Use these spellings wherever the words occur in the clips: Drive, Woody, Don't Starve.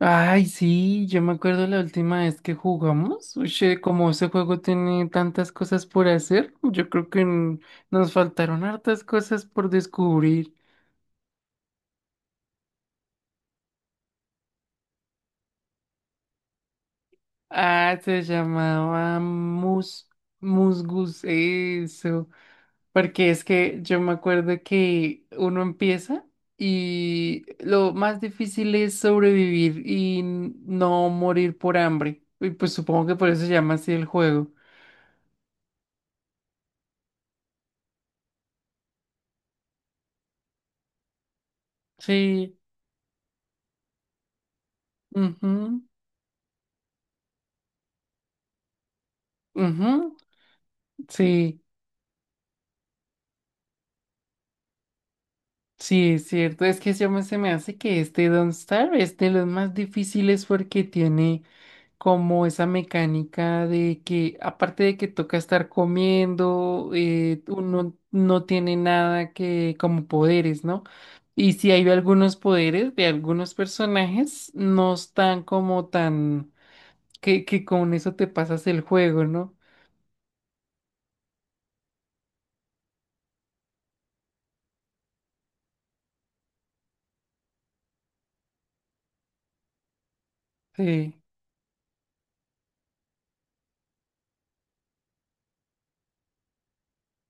Ay, sí, yo me acuerdo la última vez que jugamos. Oye, como ese juego tiene tantas cosas por hacer, yo creo que nos faltaron hartas cosas por descubrir. Ah, se llamaba Mus, Musgus, eso. Porque es que yo me acuerdo que uno empieza y lo más difícil es sobrevivir y no morir por hambre. Y pues supongo que por eso se llama así el juego. Sí. Ujú, ujú, sí, sí, es cierto. Es que se me hace que este Don't Starve es de los más difíciles porque tiene como esa mecánica de que, aparte de que toca estar comiendo, uno no tiene nada que como poderes, ¿no? Y si hay algunos poderes de algunos personajes, no están como tan que con eso te pasas el juego, ¿no? Sí,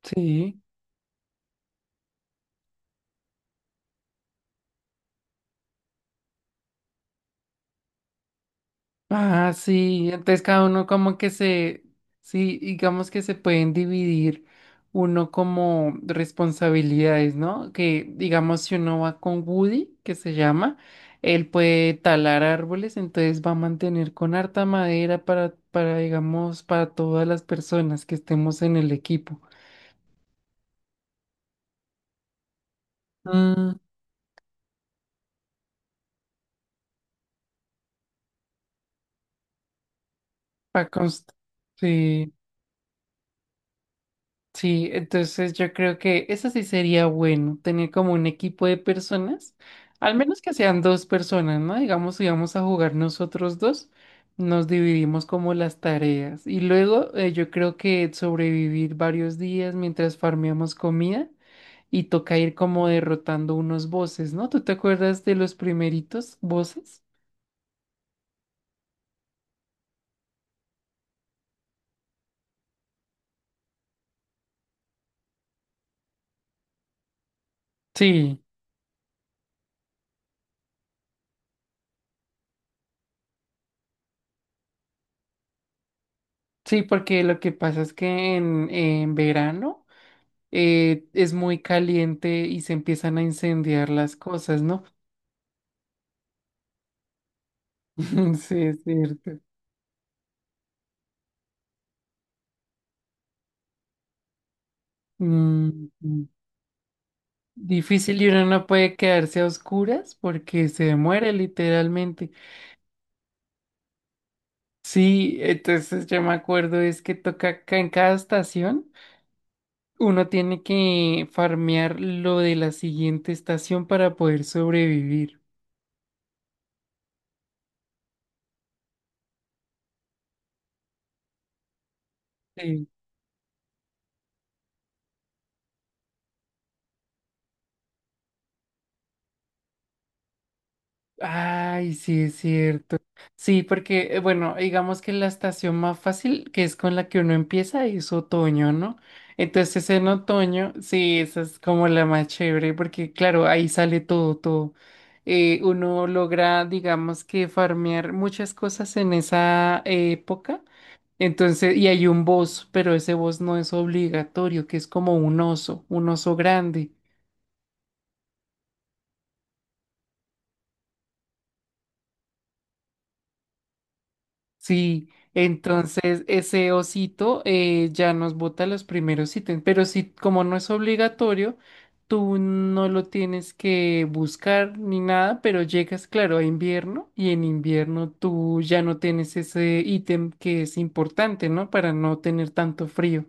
sí. Ah, sí, entonces cada uno como que se, sí, digamos que se pueden dividir uno como responsabilidades, ¿no? Que digamos si uno va con Woody, que se llama, él puede talar árboles, entonces va a mantener con harta madera digamos, para todas las personas que estemos en el equipo. Mm. Para construir. Sí, entonces yo creo que eso sí sería bueno, tener como un equipo de personas, al menos que sean dos personas, ¿no? Digamos, si vamos a jugar nosotros dos, nos dividimos como las tareas y luego yo creo que sobrevivir varios días mientras farmeamos comida y toca ir como derrotando unos bosses, ¿no? ¿Tú te acuerdas de los primeritos bosses? Sí, sí, porque lo que pasa es que en verano es muy caliente y se empiezan a incendiar las cosas, ¿no? Sí, es cierto. Mm, mm. Difícil, y uno no puede quedarse a oscuras porque se muere literalmente. Sí, entonces yo me acuerdo es que toca acá en cada estación, uno tiene que farmear lo de la siguiente estación para poder sobrevivir. Sí. Ay, sí, es cierto. Sí, porque, bueno, digamos que la estación más fácil, que es con la que uno empieza, es otoño, ¿no? Entonces en otoño, sí, esa es como la más chévere, porque claro, ahí sale todo, todo. Uno logra, digamos que farmear muchas cosas en esa época. Entonces, y hay un boss, pero ese boss no es obligatorio, que es como un oso grande. Sí, entonces ese osito ya nos bota los primeros ítems, pero si como no es obligatorio, tú no lo tienes que buscar ni nada, pero llegas, claro, a invierno y en invierno tú ya no tienes ese ítem que es importante, ¿no? Para no tener tanto frío.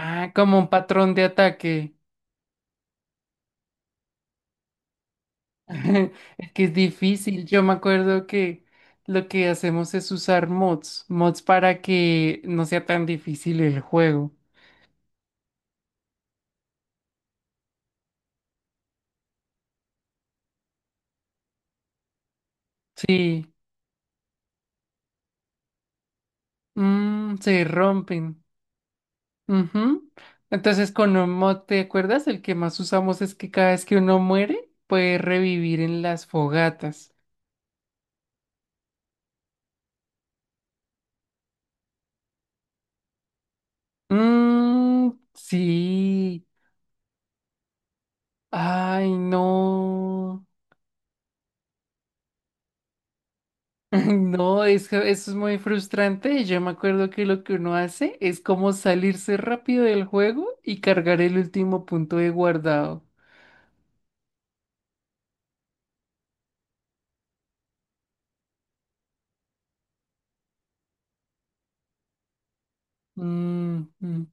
Ah, como un patrón de ataque. Es que es difícil. Yo me acuerdo que lo que hacemos es usar mods, mods para que no sea tan difícil el juego. Sí, mm, se rompen. Ujú. Entonces, con un mod, ¿te acuerdas? El que más usamos es que cada vez que uno muere, puede revivir en las fogatas. Mm, sí. Ay, no. No, es que eso es muy frustrante. Yo me acuerdo que lo que uno hace es como salirse rápido del juego y cargar el último punto de guardado. Mm, mm.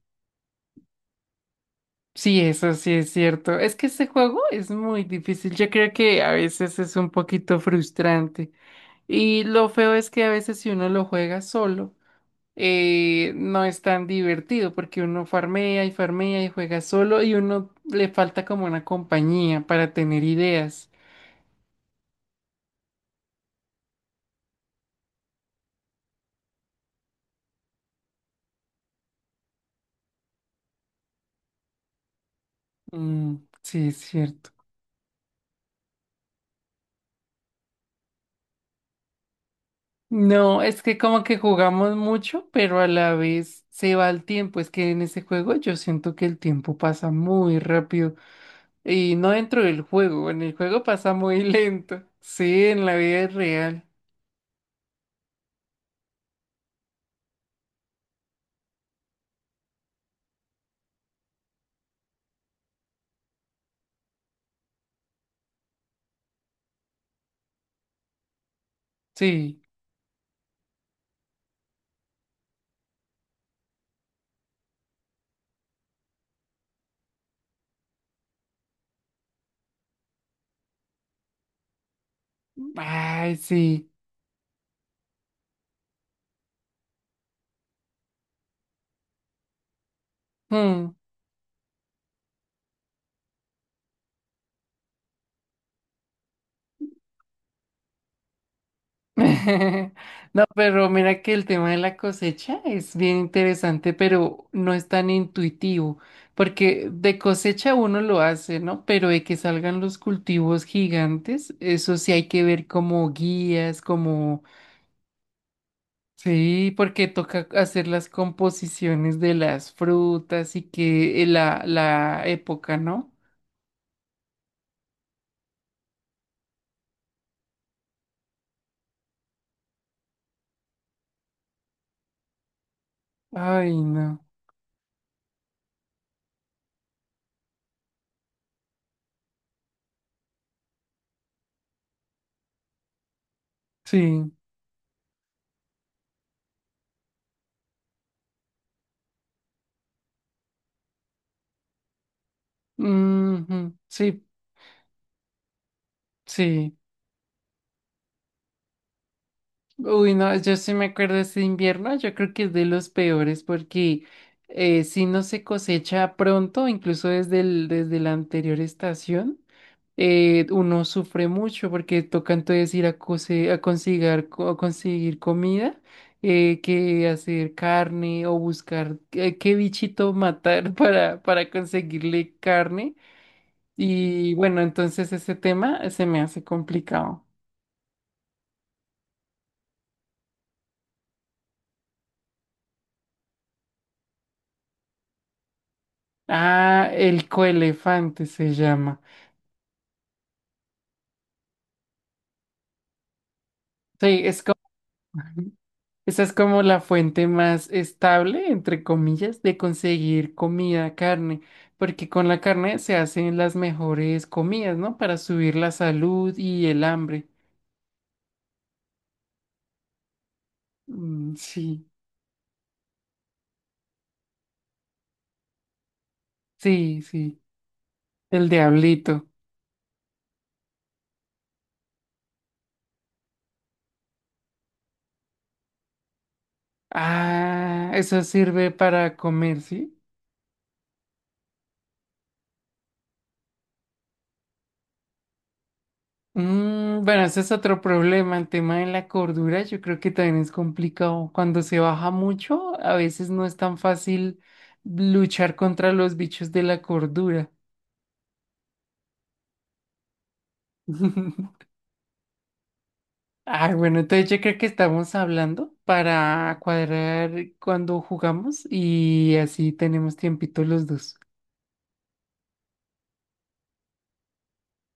Sí, eso sí es cierto. Es que ese juego es muy difícil. Yo creo que a veces es un poquito frustrante. Y lo feo es que a veces si uno lo juega solo, no es tan divertido porque uno farmea y farmea y juega solo y uno le falta como una compañía para tener ideas. Mm, sí, es cierto. No, es que como que jugamos mucho, pero a la vez se va el tiempo. Es que en ese juego yo siento que el tiempo pasa muy rápido. Y no dentro del juego, en el juego pasa muy lento. Sí, en la vida real. Sí. Ay, sí. Mm. No, pero mira que el tema de la cosecha es bien interesante, pero no es tan intuitivo, porque de cosecha uno lo hace, ¿no? Pero de que salgan los cultivos gigantes, eso sí hay que ver como guías, como sí, porque toca hacer las composiciones de las frutas y que la época, ¿no? Ay, no. Sí. Ujú, sí, sí. Uy, no, yo sí me acuerdo de ese invierno, yo creo que es de los peores porque si no se cosecha pronto, incluso desde el, desde la anterior estación. Uno sufre mucho porque toca entonces ir a, conseguir comida, que hacer carne o buscar qué bichito matar para conseguirle carne. Y bueno, entonces ese tema se me hace complicado. Ah, el coelefante se llama. Sí, es como esa es como la fuente más estable, entre comillas, de conseguir comida, carne, porque con la carne se hacen las mejores comidas, ¿no? Para subir la salud y el hambre. Mm, sí, sí, sí. El diablito. Ah, eso sirve para comer, ¿sí? Mm, bueno, ese es otro problema. El tema de la cordura, yo creo que también es complicado. Cuando se baja mucho, a veces no es tan fácil luchar contra los bichos de la cordura. Ah, bueno, entonces yo creo que estamos hablando para cuadrar cuando jugamos y así tenemos tiempito los dos.